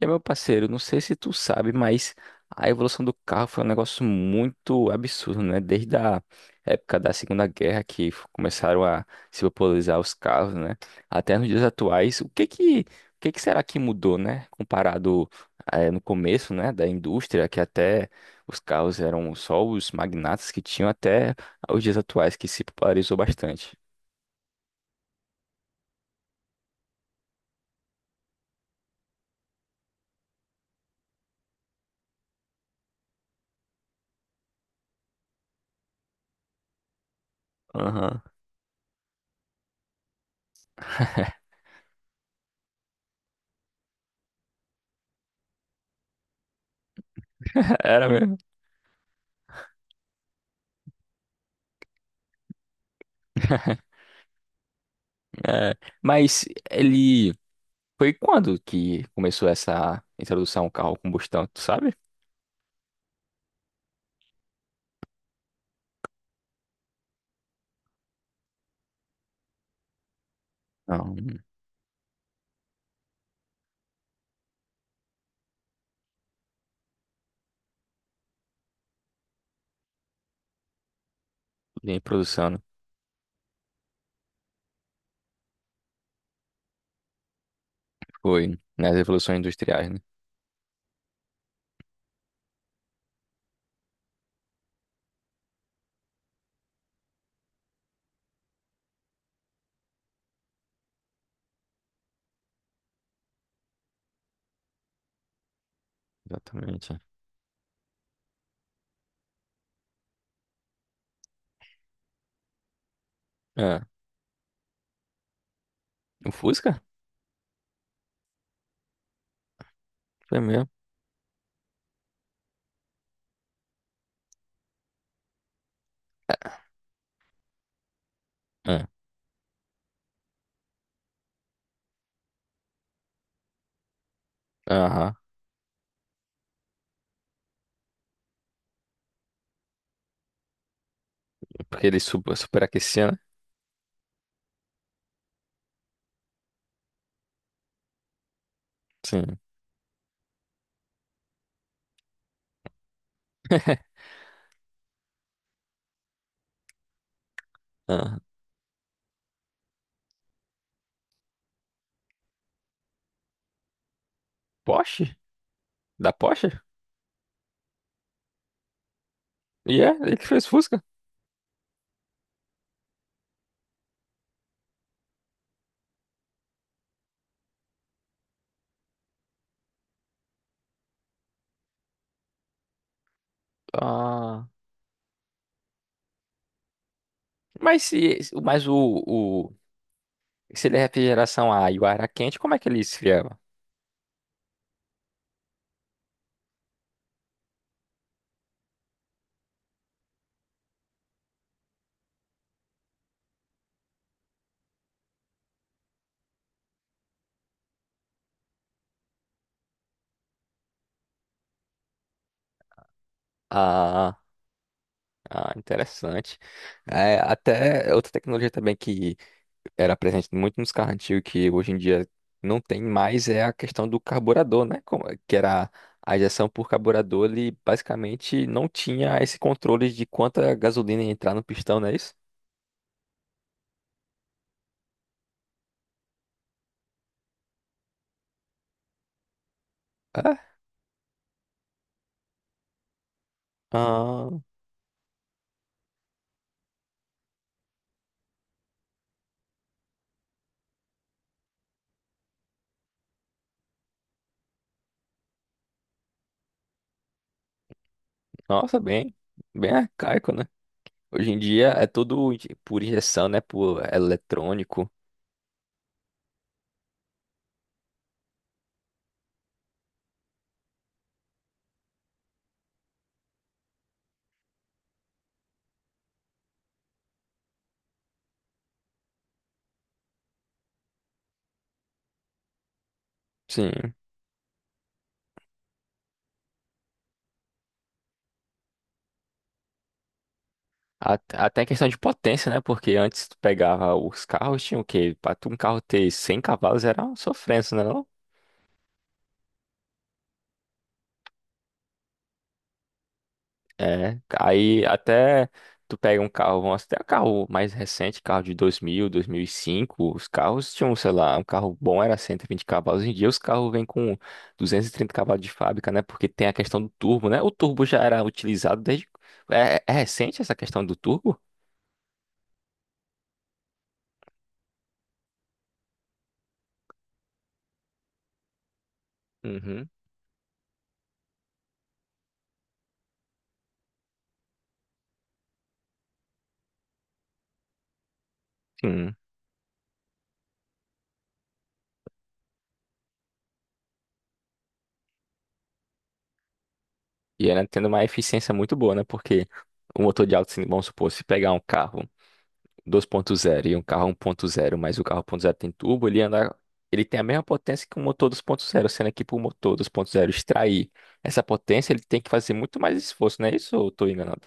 E, meu parceiro, não sei se tu sabe, mas a evolução do carro foi um negócio muito absurdo, né? Desde a época da Segunda Guerra que começaram a se popularizar os carros, né? Até nos dias atuais, o que que será que mudou, né? Comparado, no começo, né, da indústria, que até os carros eram só os magnatas que tinham até os dias atuais, que se popularizou bastante. Aham. Era mesmo. É. Mas ele Foi quando que começou essa introdução ao carro a combustão, tu sabe? Não, em produção, né? Foi nas revoluções industriais, né? Exatamente. Ah, o Fusca? Foi mesmo. Ah, aham. Porque ele superaquecia, né? Sim. Ah, Porsche? Da Porsche? E é, ele que fez Fusca. Ah, mas se, mas o, se ele é refrigeração a ar e o ar era quente, como é que ele esfriava? Ah, ah, interessante. É, até outra tecnologia também que era presente muito nos carros antigos que hoje em dia não tem mais é a questão do carburador, né? É que era a injeção por carburador, ele basicamente não tinha esse controle de quanta gasolina ia entrar no pistão, não é isso? É? Ah, nossa, bem, bem arcaico, né? Hoje em dia é tudo por injeção, né? Por eletrônico. Sim. Até em questão de potência, né? Porque antes tu pegava os carros, tinha o quê? Pra tu um carro ter 100 cavalos era uma sofrência, né? É, aí até tu pega um carro, vamos até um carro mais recente, carro de 2005 os carros tinham, sei lá, um carro bom era 120 cavalos, hoje em dia os carros vêm com 230 cavalos de fábrica, né, porque tem a questão do turbo, né, o turbo já era utilizado desde, é recente essa questão do turbo? Uhum. Sim. E era tendo uma eficiência muito boa, né, porque o motor de alto, vamos supor, se pegar um carro, 2.0 e um carro 1.0, mas o carro 1.0 tem turbo, ele anda, ele tem a mesma potência que o motor 2.0, sendo que para o motor 2.0 extrair essa potência, ele tem que fazer muito mais esforço, não é isso? Ou eu estou enganado?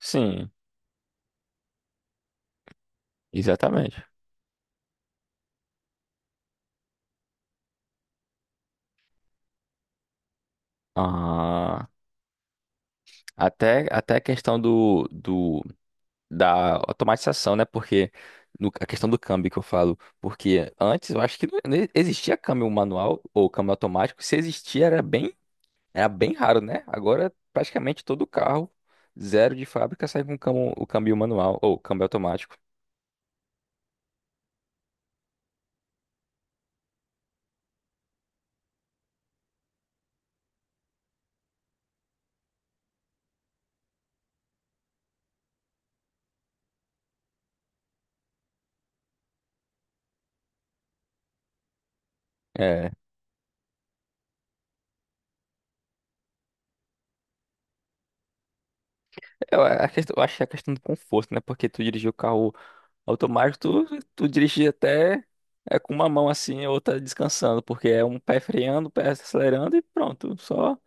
Sim. Exatamente. Ah, até a questão da automatização, né? Porque a questão do câmbio que eu falo, porque antes eu acho que não existia câmbio manual ou câmbio automático, se existia era bem raro, né? Agora praticamente todo carro zero de fábrica sai com o câmbio manual ou câmbio automático. É, eu acho que é a questão do conforto, né? Porque tu dirigir o carro automático, tu dirige até é com uma mão assim, a outra descansando, porque é um pé freando, o pé acelerando e pronto. Só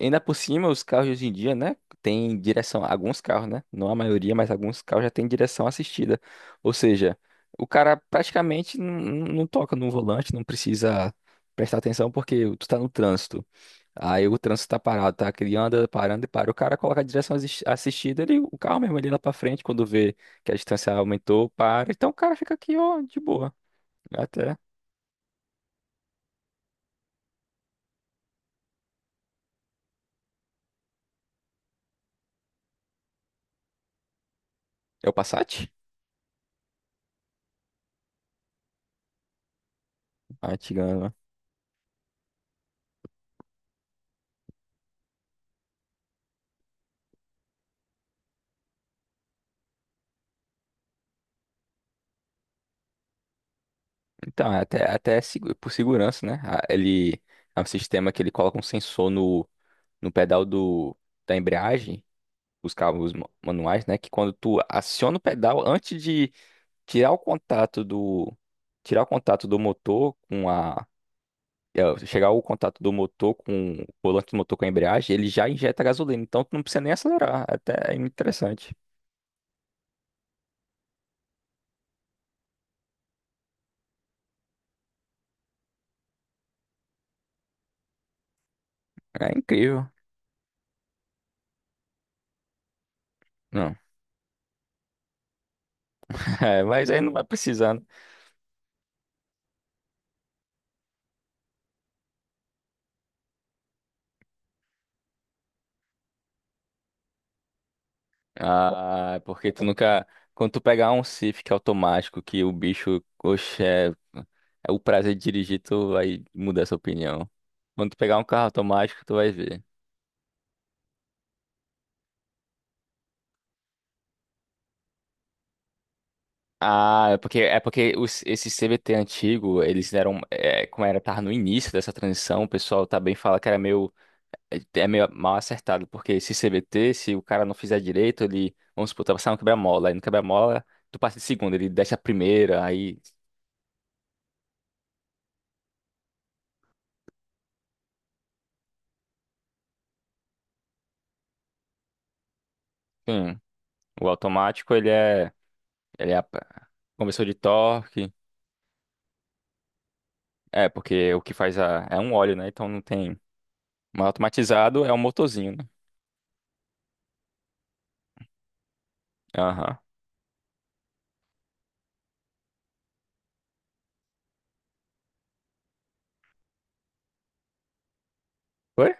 ainda por cima, os carros de hoje em dia, né? Tem direção, alguns carros, né? Não a maioria, mas alguns carros já tem direção assistida. Ou seja, o cara praticamente não toca no volante, não precisa prestar atenção porque tu tá no trânsito. Aí o trânsito tá parado, tá? Que ele anda parando e para. O cara coloca a direção assistida, ele, o carro mesmo, ele lá pra frente quando vê que a distância aumentou para. Então o cara fica aqui, ó, de boa. Até. É o Passat? A antiga, né? Então, é até por segurança, né? Ele é um sistema que ele coloca um sensor no pedal da embreagem, os carros manuais, né? Que quando tu aciona o pedal, antes de tirar o contato do, tirar o contato do motor com a. Chegar o contato do motor com o volante do motor com a embreagem, ele já injeta gasolina, então tu não precisa nem acelerar. Até é interessante. É incrível. Não. É, mas aí não vai precisando. Ah, é porque tu nunca. Quando tu pegar um Civic automático que o bicho, oxe, é o prazer de dirigir, tu vai mudar essa opinião. Quando tu pegar um carro automático, tu vai ver. Ah, é porque esse CVT antigo, eles eram, como era, tava no início dessa transição, o pessoal também fala que era meio, é é meio mal acertado, porque esse CVT, se o cara não fizer direito, ele, vamos supor, tá passando um quebra-mola, aí no quebra-mola, tu passa de segunda, ele desce a primeira, aí Sim, o automático ele é conversor de torque. É, porque o que faz é um óleo, né? Então não tem. Um automatizado é um motorzinho, né? Aham. Oi?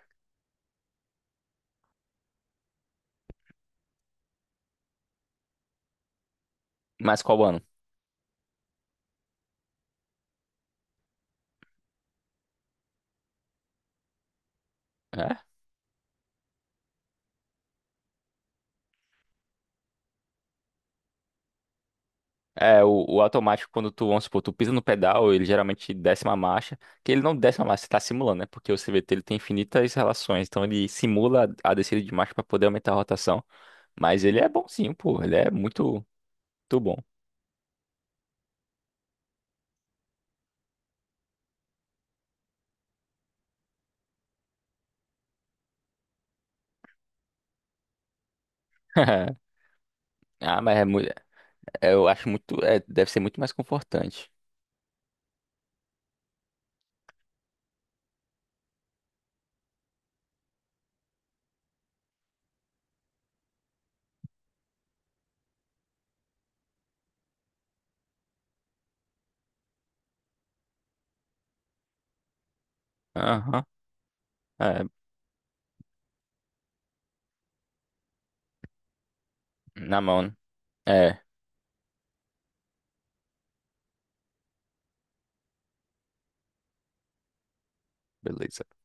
Mas qual ano? É, é o automático, quando tu, vamos supor, tu pisa no pedal, ele geralmente desce uma marcha, que ele não desce uma marcha, você tá simulando, né? Porque o CVT ele tem infinitas relações, então ele simula a descida de marcha pra poder aumentar a rotação. Mas ele é bonzinho, pô, ele é muito, muito bom. Ah, É, eu acho muito. Deve ser muito mais confortante. Aham. É, na mão, né? É, beleza.